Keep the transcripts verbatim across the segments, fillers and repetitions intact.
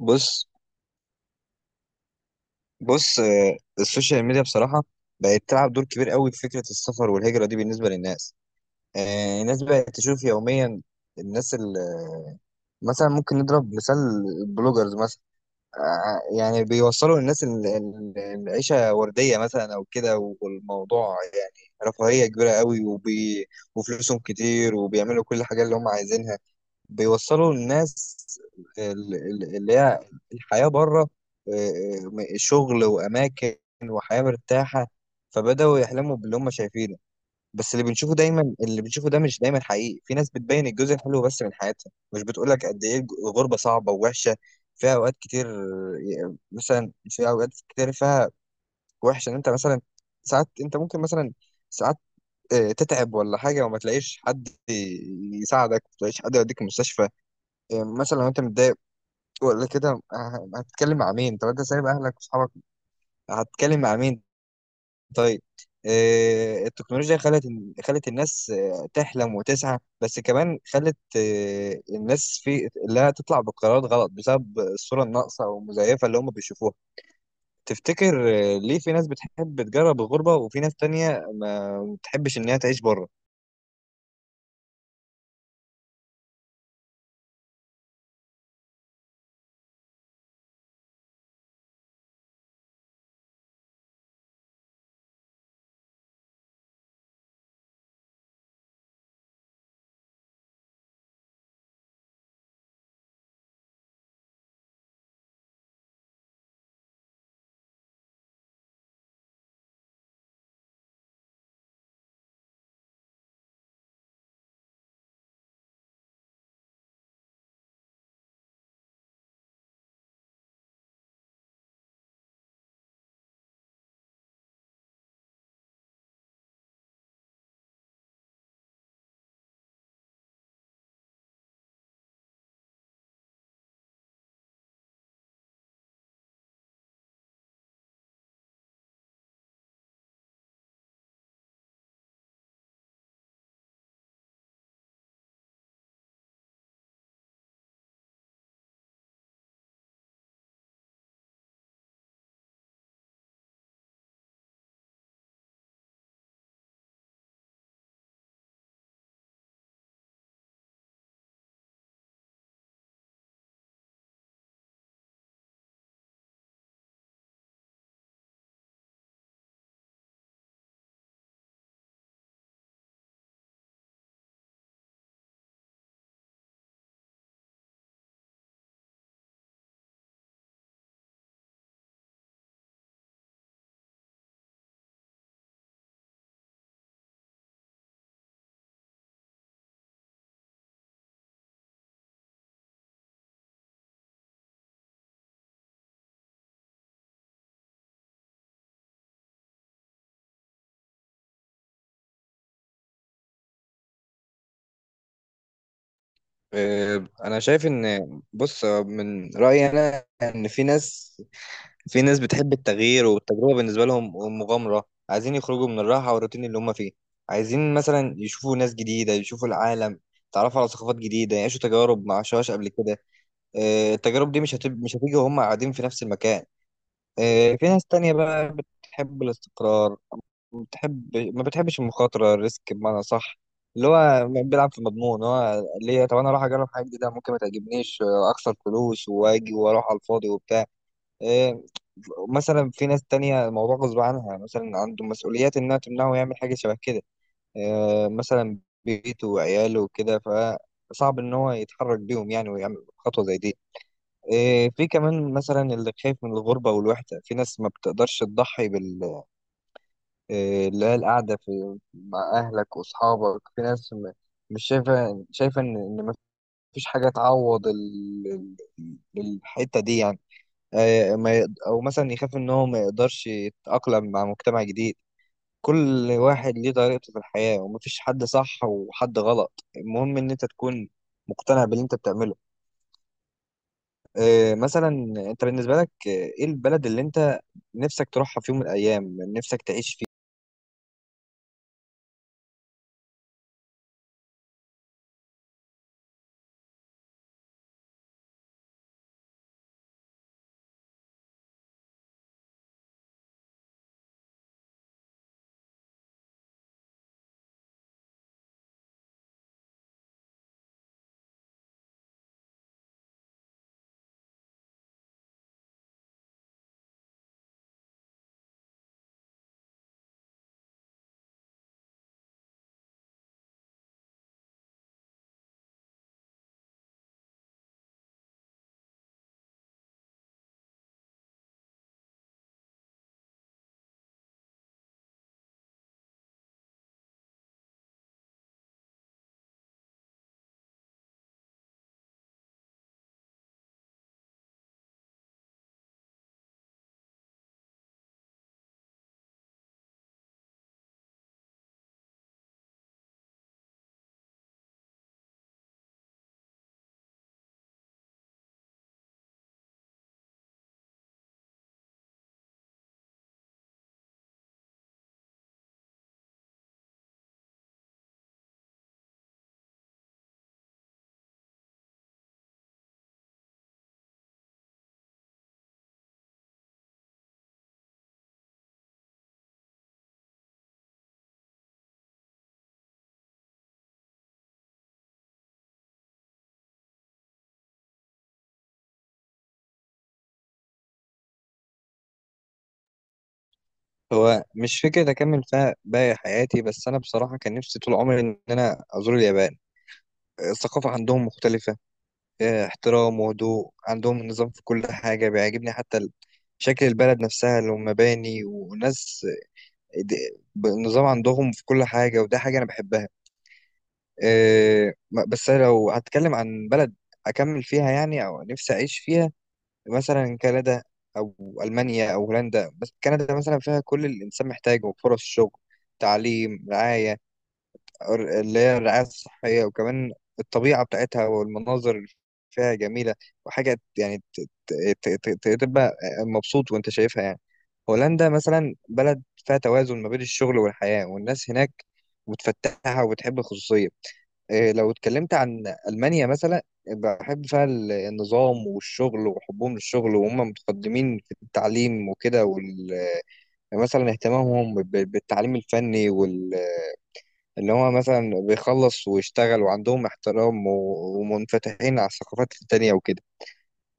بص بص آه، السوشيال ميديا بصراحة بقت تلعب دور كبير قوي في فكرة السفر والهجرة دي بالنسبة للناس. آه، الناس بقت تشوف يوميا الناس اللي مثلا، ممكن نضرب مثال: البلوجرز مثلا. آه، يعني بيوصلوا للناس ال- ال- العيشة وردية مثلا أو كده، والموضوع يعني رفاهية كبيرة قوي، وبي... وفلوسهم كتير وبيعملوا كل حاجة اللي هم عايزينها. بيوصلوا الناس ال- ال- اللي هي الحياة بره، آه، آه، شغل وأماكن وحياة مرتاحة، فبدأوا يحلموا باللي هم شايفينه. بس اللي بنشوفه دايما، اللي بنشوفه ده مش دايما حقيقي. في ناس بتبين الجزء الحلو بس من حياتها، مش بتقولك قد إيه الغربة صعبة ووحشة فيها أوقات كتير. آه، مثلا في أوقات كتير فيها وحشة، إن أنت مثلا ساعات، أنت ممكن مثلا ساعات آه، تتعب ولا حاجة وما تلاقيش حد يساعدك، ما تلاقيش حد يوديك المستشفى. إيه، مثلا لو انت متضايق ولا كده ه- هتتكلم مع مين؟ طب انت سايب اهلك واصحابك، هتتكلم مع مين؟ طيب. إيه، التكنولوجيا خلت خلت الناس آه، تحلم وتسعى، بس كمان خلت آه، الناس في لا تطلع بقرارات غلط بسبب الصورة الناقصة او المزيفة اللي هم بيشوفوها. تفتكر آه، ليه في ناس بتحب تجرب الغربة وفي ناس تانية ما بتحبش ان هي تعيش بره؟ آه، انا شايف ان، بص، آه، من رأيي انا ان في ناس، في ناس بتحب التغيير والتجربة. بالنسبة لهم مغامرة، عايزين يخرجوا من الراحة والروتين اللي هم فيه، عايزين مثلا يشوفوا ناس جديدة، يشوفوا العالم، يتعرفوا على ثقافات جديدة، يعيشوا تجارب ما عاشوهاش قبل كده. آه، التجارب دي مش هتب... مش هتيجي وهم قاعدين في نفس المكان. آه، في ناس تانية بقى بتحب الاستقرار، بتحب ما بتحبش المخاطرة، الريسك بمعنى صح، اللي هو بيلعب في مضمون. هو ليه طب انا اروح اجرب حاجة جديدة ممكن ما تعجبنيش، آه، اخسر فلوس واجي واروح على الفاضي وبتاع. إيه، مثلا في ناس تانية الموضوع غصب عنها، مثلا عنده مسؤوليات إنها تمنعه يعمل حاجة شبه كده. إيه، مثلا بيته وعياله وكده، فصعب إن هو يتحرك بيهم يعني ويعمل خطوة زي دي. إيه، في كمان مثلا اللي خايف من الغربة والوحدة، في ناس ما بتقدرش تضحي بال- إيه، اللي هي القعدة في مع أهلك وأصحابك. في ناس م- مش شايفة شايفة إن، إن مفيش حاجة تعوض ال- ال- الحتة دي يعني. آه، ما يقد- او مثلا يخاف ان هو ما يقدرش يتأقلم مع مجتمع جديد. كل واحد ليه طريقته في الحياة، ومفيش حد صح وحد غلط، المهم ان انت تكون مقتنع باللي انت بتعمله. آه، مثلا انت بالنسبة لك آه، ايه البلد اللي انت نفسك تروحها في يوم من الايام، نفسك تعيش فيه؟ هو مش فكرة أكمل فيها باقي حياتي، بس أنا بصراحة كان نفسي طول عمري إن أنا أزور اليابان. الثقافة عندهم مختلفة، آه، احترام وهدوء، عندهم نظام في كل حاجة بيعجبني، حتى ال- شكل البلد نفسها، المباني وناس د- بنظام عندهم في كل حاجة، وده حاجة أنا بحبها. آه، م- بس أنا لو هتكلم عن بلد أكمل فيها يعني أو نفسي أعيش فيها، مثلا كندا أو ألمانيا أو هولندا. بس كندا مثلا فيها كل اللي الإنسان محتاجه: فرص شغل، تعليم، رعاية، الر- اللي هي الرعاية الصحية، وكمان الطبيعة بتاعتها والمناظر اللي فيها جميلة، وحاجة يعني ت- ت- ت- ت- تبقى مبسوط وانت شايفها يعني. هولندا مثلا بلد فيها توازن ما بين الشغل والحياة، والناس هناك متفتحة وبتحب الخصوصية. إيه، لو اتكلمت عن ألمانيا مثلا، بحب فيها ال- النظام والشغل وحبهم للشغل، وهم متقدمين في التعليم وكده، وال- مثلا اهتمامهم ب- بالتعليم الفني، اللي هو مثلا بيخلص ويشتغل، وعندهم احترام و- ومنفتحين على الثقافات التانية وكده.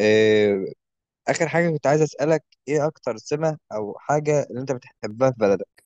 آه، آخر حاجة كنت عايز أسألك: إيه أكتر سمة أو حاجة اللي أنت بتحبها في بلدك؟